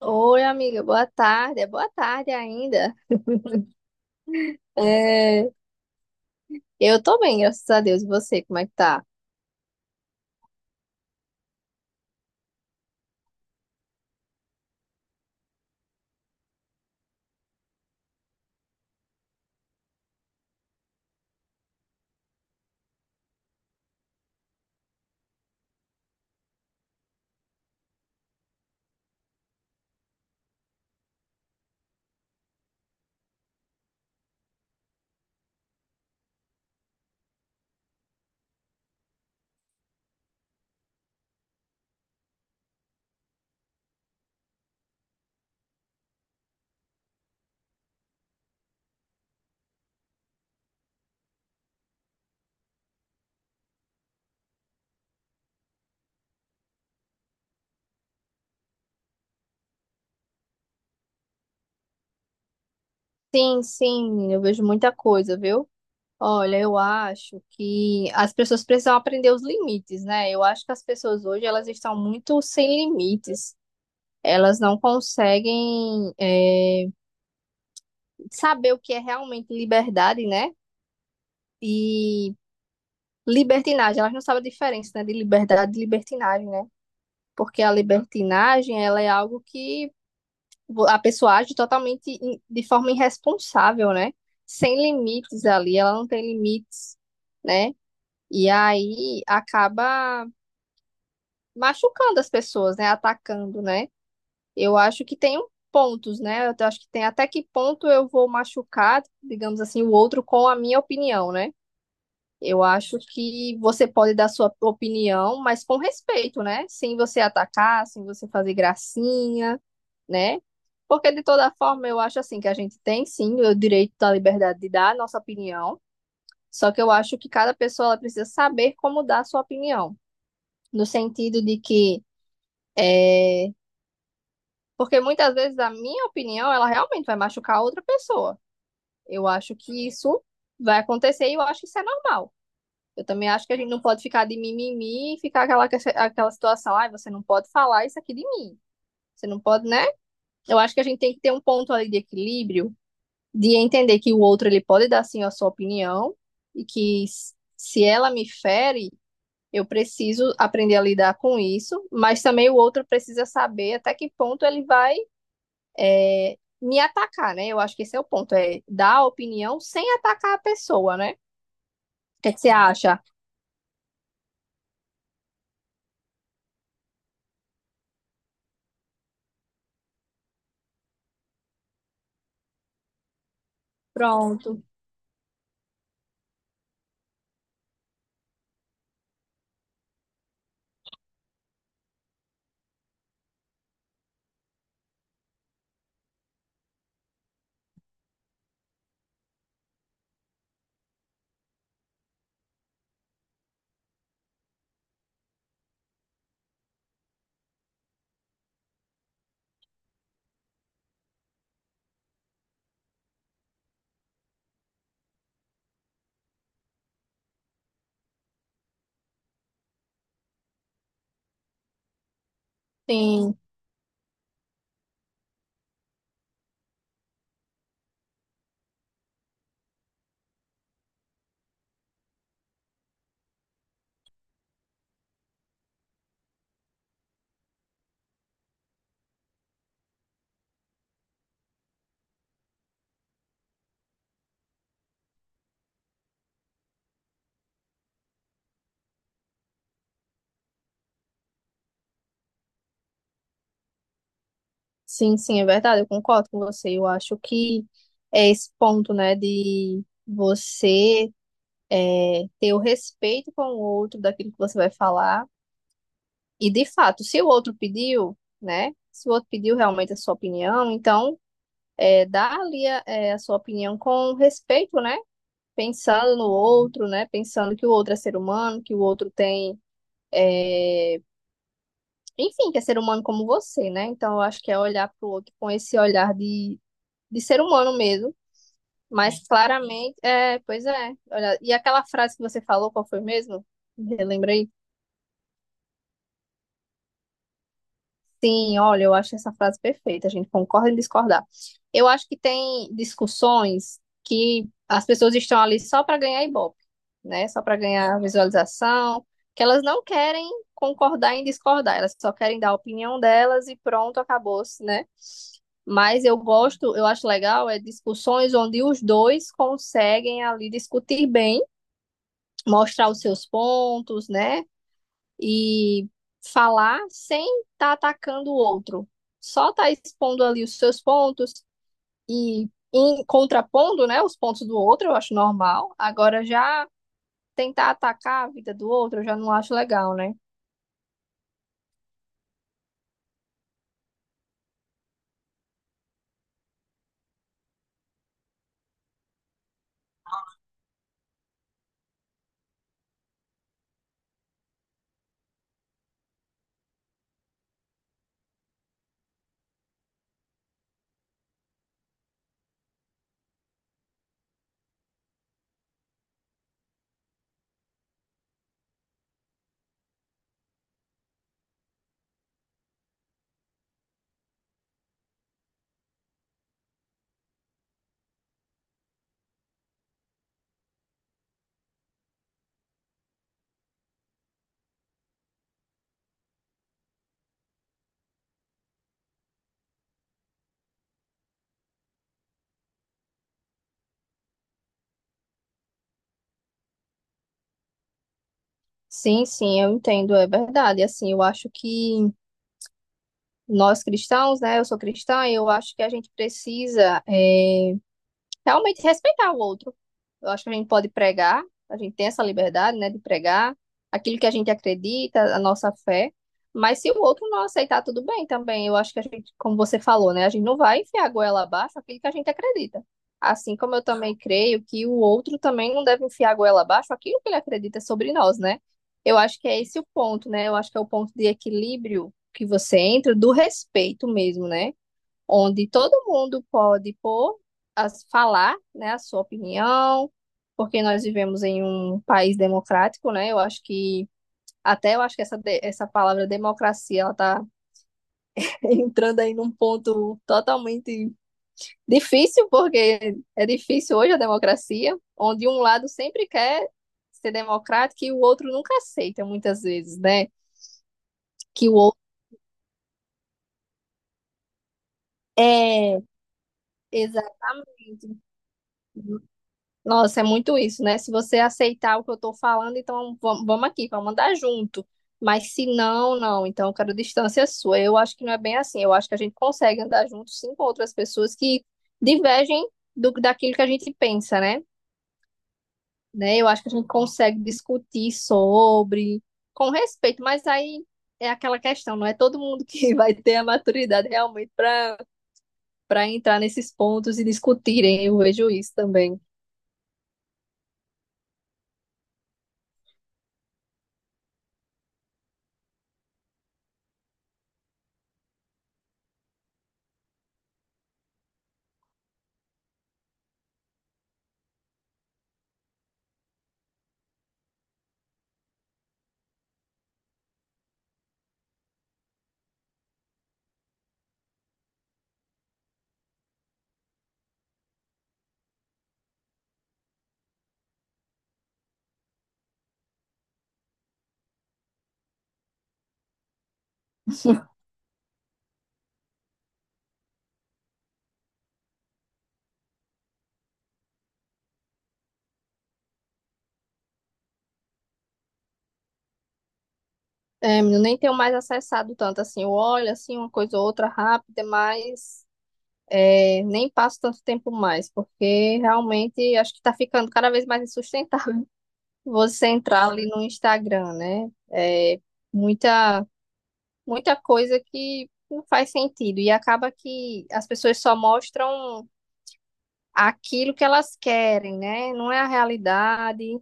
Oi, amiga, boa tarde. É boa tarde ainda. É, eu tô bem, graças a Deus. E você, como é que tá? Sim, eu vejo muita coisa, viu? Olha, eu acho que as pessoas precisam aprender os limites, né? Eu acho que as pessoas hoje elas estão muito sem limites. Elas não conseguem saber o que é realmente liberdade, né? E libertinagem. Elas não sabem a diferença, né, de liberdade e libertinagem, né? Porque a libertinagem ela é algo que a pessoa age totalmente de forma irresponsável, né? Sem limites ali, ela não tem limites, né? E aí acaba machucando as pessoas, né? Atacando, né? Eu acho que pontos, né? Eu acho que tem até que ponto eu vou machucar, digamos assim, o outro com a minha opinião, né? Eu acho que você pode dar sua opinião, mas com respeito, né? Sem você atacar, sem você fazer gracinha, né? Porque de toda forma eu acho assim que a gente tem sim o direito da liberdade de dar a nossa opinião, só que eu acho que cada pessoa ela precisa saber como dar a sua opinião, no sentido de que é... porque muitas vezes a minha opinião ela realmente vai machucar a outra pessoa. Eu acho que isso vai acontecer e eu acho que isso é normal. Eu também acho que a gente não pode ficar de mimimi e ficar aquela situação, ai, você não pode falar isso aqui de mim. Você não pode, né? Eu acho que a gente tem que ter um ponto ali de equilíbrio de entender que o outro ele pode dar sim a sua opinião e que se ela me fere, eu preciso aprender a lidar com isso, mas também o outro precisa saber até que ponto ele vai me atacar, né? Eu acho que esse é o ponto, é dar a opinião sem atacar a pessoa, né? O que é que você acha? Pronto, sim, sim, é verdade, eu concordo com você. Eu acho que é esse ponto, né, de você ter o respeito com o outro daquilo que você vai falar. E de fato, se o outro pediu, né? Se o outro pediu realmente a sua opinião, então, dá ali a sua opinião com respeito, né? Pensando no outro, né? Pensando que o outro é ser humano, que o outro tem, enfim, que é ser humano como você, né? Então eu acho que é olhar para o outro com esse de ser humano mesmo, mas claramente, é, pois é. Olha, e aquela frase que você falou, qual foi mesmo? Relembra aí. Sim, olha, eu acho essa frase perfeita. A gente concorda em discordar. Eu acho que tem discussões que as pessoas estão ali só para ganhar ibope, né? Só para ganhar visualização, que elas não querem concordar em discordar, elas só querem dar a opinião delas e pronto, acabou-se, né? Mas eu gosto, eu acho legal, é discussões onde os dois conseguem ali discutir bem, mostrar os seus pontos, né? E falar sem estar atacando o outro. Só tá expondo ali os seus pontos e contrapondo, né, os pontos do outro, eu acho normal. Agora já tentar atacar a vida do outro, eu já não acho legal, né? Sim, eu entendo, é verdade. Assim, eu acho que nós cristãos, né, eu sou cristã, eu acho que a gente precisa, é, realmente respeitar o outro. Eu acho que a gente pode pregar, a gente tem essa liberdade, né, de pregar aquilo que a gente acredita, a nossa fé, mas se o outro não aceitar, tudo bem também. Eu acho que a gente, como você falou, né, a gente não vai enfiar a goela abaixo aquilo que a gente acredita. Assim como eu também creio que o outro também não deve enfiar a goela abaixo aquilo que ele acredita sobre nós, né? Eu acho que é esse o ponto, né? Eu acho que é o ponto de equilíbrio que você entra do respeito mesmo, né? Onde todo mundo pode pôr, as, falar, né, a sua opinião, porque nós vivemos em um país democrático, né? Eu acho que essa, essa palavra democracia ela tá entrando aí num ponto totalmente difícil, porque é difícil hoje a democracia, onde um lado sempre quer ser democrático e o outro nunca aceita muitas vezes, né? Que o outro é, exatamente. Nossa, é muito isso, né? Se você aceitar o que eu tô falando, então vamos aqui, vamos andar junto. Mas se não, não, então eu quero distância sua. Eu acho que não é bem assim. Eu acho que a gente consegue andar junto sim com outras pessoas que divergem do daquilo que a gente pensa, né? Né? Eu acho que a gente consegue discutir sobre, com respeito, mas aí é aquela questão, não é todo mundo que vai ter a maturidade realmente para entrar nesses pontos e discutirem. Eu vejo isso também. É, menino, nem tenho mais acessado tanto assim. Eu olho assim uma coisa ou outra rápida, mas é, nem passo tanto tempo mais, porque realmente acho que está ficando cada vez mais insustentável você entrar ali no Instagram, né? É, muita, muita coisa que não faz sentido e acaba que as pessoas só mostram aquilo que elas querem, né? Não é a realidade.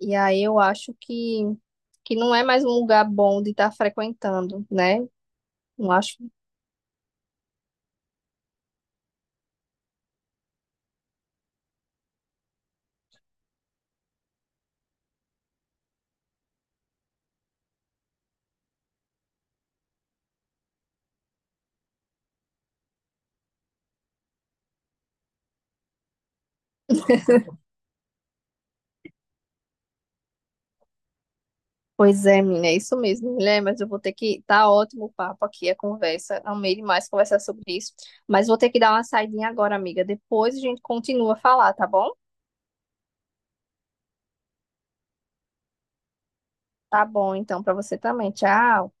E aí eu acho que não é mais um lugar bom de estar frequentando, né? Não acho. Pois é, menina, é isso mesmo, mulher, mas eu vou ter que. Tá ótimo o papo aqui, a conversa. Amei demais conversar sobre isso. Mas vou ter que dar uma saidinha agora, amiga. Depois a gente continua a falar, tá bom? Tá bom, então, pra você também. Tchau.